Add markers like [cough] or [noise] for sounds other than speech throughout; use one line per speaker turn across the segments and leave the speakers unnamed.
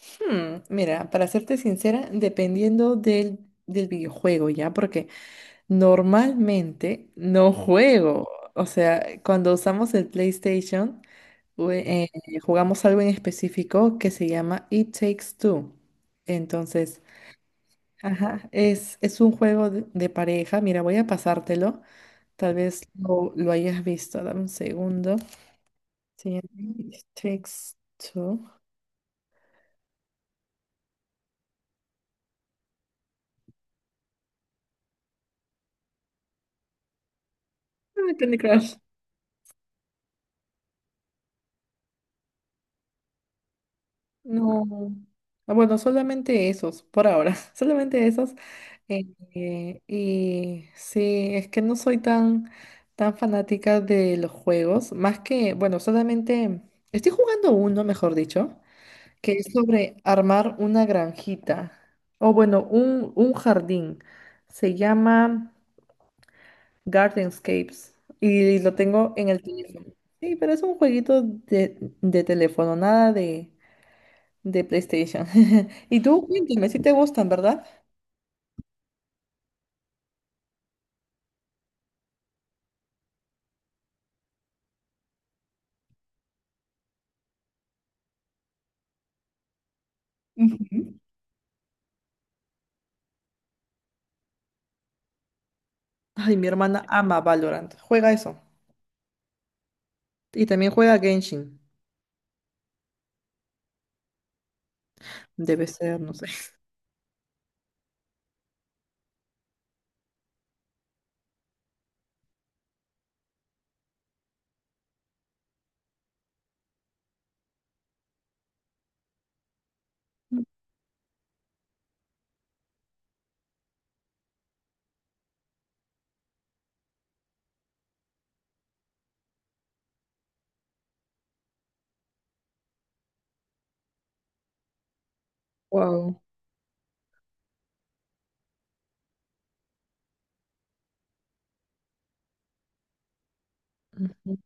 Mira, para serte sincera, dependiendo del videojuego, ¿ya? Porque normalmente no juego. O sea, cuando usamos el PlayStation, jue- eh, jugamos algo en específico que se llama It Takes Two. Entonces, ajá, es un juego de pareja. Mira, voy a pasártelo. Tal vez lo hayas visto. Dame un segundo. Se It Takes Two. Ah, Candy Crush. No. Ah, bueno, solamente esos, por ahora, [laughs] solamente esos. Eh, y sí, es que no soy tan fanática de los juegos, más que, bueno, solamente estoy jugando uno, mejor dicho, que es sobre armar una granjita, o bueno, un jardín. Se llama Gardenscapes y lo tengo en el teléfono. Sí, pero es un jueguito de teléfono, nada de de PlayStation. [laughs] Y tú, cuéntame, si te gustan, ¿verdad? Ujú. Ay, mi hermana ama Valorant. Juega eso. Y también juega Genshin. Debe ser, no sé. Wow. Ujú.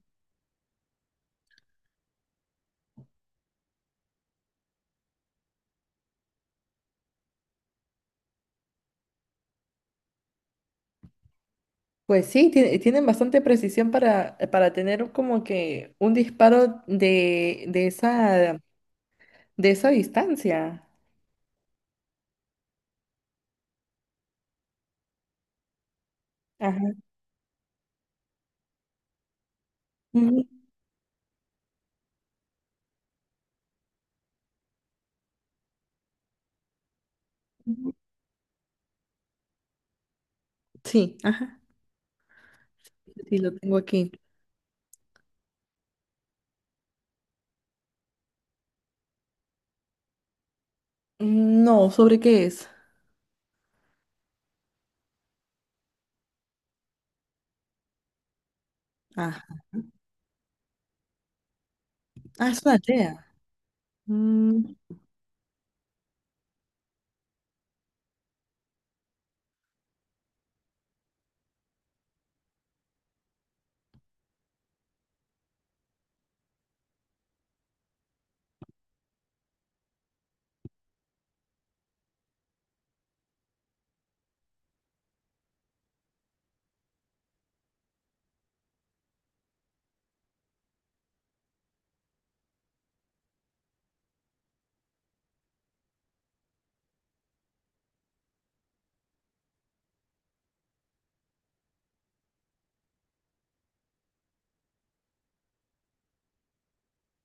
Pues sí, tienen bastante precisión para tener como que un disparo de de esa distancia. Ajá. Ujú, ujú. Sí, ajá. Sí, lo tengo aquí. Mm, no, ¿sobre qué es? Ah, ah, es una aldea.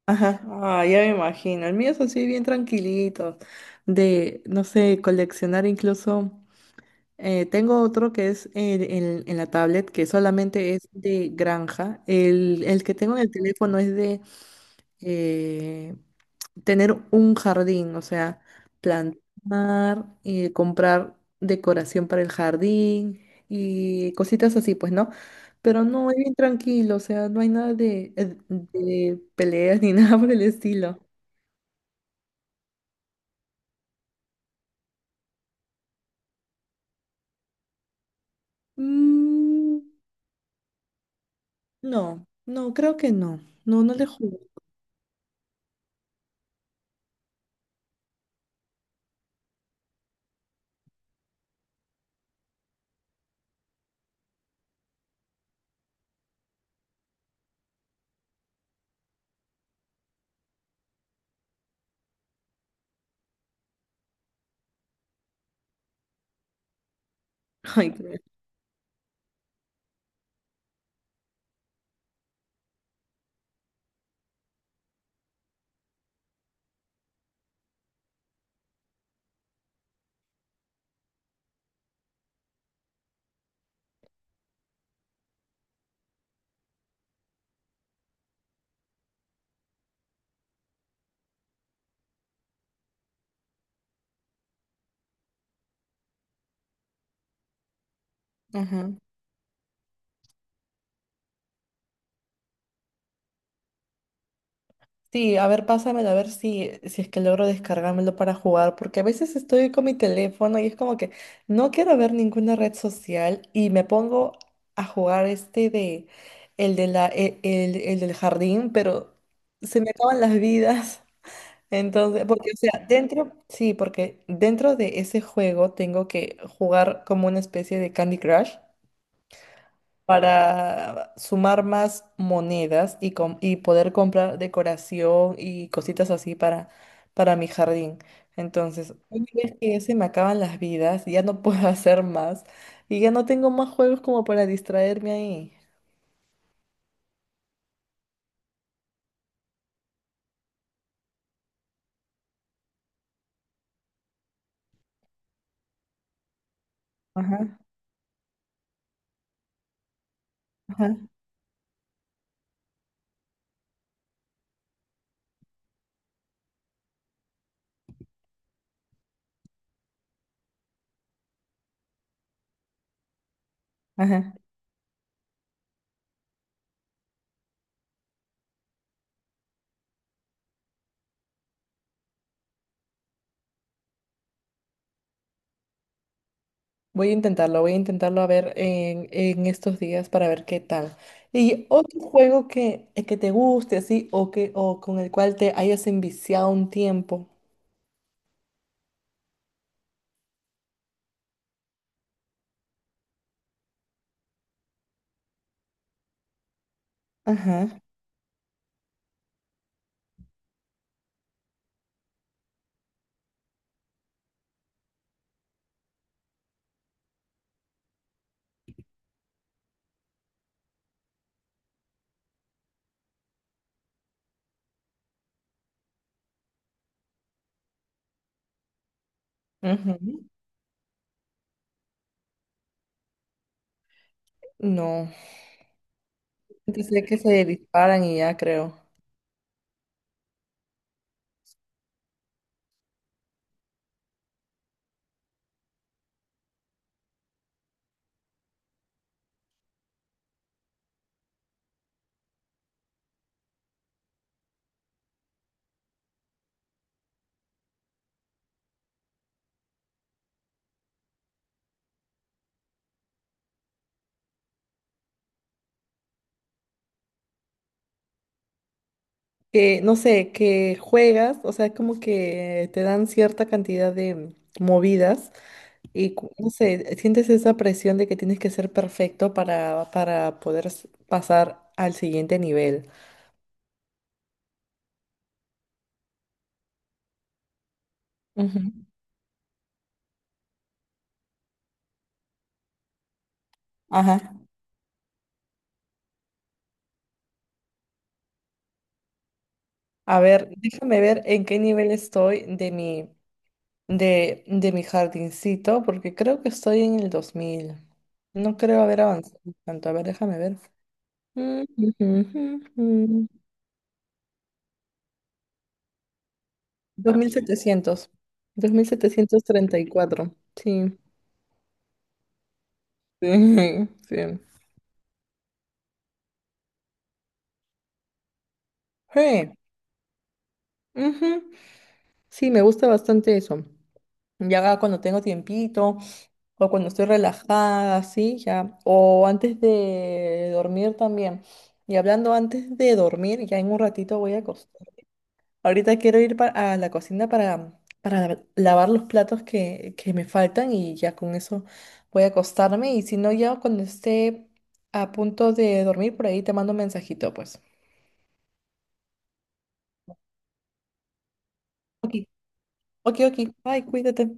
Ajá, ah, ya me imagino. El mío es así bien tranquilito, de, no sé, coleccionar incluso. Eh, tengo otro que es en, en la tablet, que solamente es de granja. El que tengo en el teléfono es de eh, tener un jardín, o sea, plantar y comprar decoración para el jardín y cositas así, pues, ¿no? Pero no, es bien tranquilo, o sea, no hay nada de, de peleas ni [laughs] nada por el estilo. Mm, no, no, creo que no. No, no le jugué. [laughs] Ay, creo. Ajá. Sí, a ver, pásamelo, a ver si, si es que logro descargármelo para jugar, porque a veces estoy con mi teléfono y es como que no quiero ver ninguna red social y me pongo a jugar este de el el del jardín, pero se me acaban las vidas. [laughs] Entonces, porque, o sea, dentro, sí, porque dentro de ese juego tengo que jugar como una especie de Candy Crush para sumar más monedas y poder comprar decoración y cositas así para mi jardín. Entonces, una vez que ya se me acaban las vidas, ya no puedo [laughs] hacer más y ya no tengo más juegos como para distraerme ahí. Ajá, ajá, ajá. Voy a intentarlo a ver en estos días para ver qué tal. Y otro juego que te guste así o que o con el cual te hayas enviciado un tiempo. Ajá. No, yo sé que se disparan y ya creo. Que, no sé, que juegas, o sea, como que te dan cierta cantidad de movidas no sé, sientes esa presión de que tienes que ser perfecto para poder pasar al siguiente nivel. Ujú. Ajá. A ver, déjame ver en qué nivel estoy de mi jardincito, porque creo que estoy en el 2000. No creo haber avanzado tanto. A ver, déjame ver. Mm, ujú, ujú, ujú. 2700. 2734. Sí. Sí. [laughs] Sí. Sí. Ujú. Sí, me gusta bastante eso. Ya cuando tengo tiempito o cuando estoy relajada, sí, ya. O antes de dormir también. Y hablando antes de dormir, ya en un ratito voy a acostarme. Ahorita quiero ir a la cocina para lavar los platos que me faltan y ya con eso voy a acostarme. Y si no, ya cuando esté a punto de dormir, por ahí te mando un mensajito, pues. Ok, ok, ok. Bye, cuídate.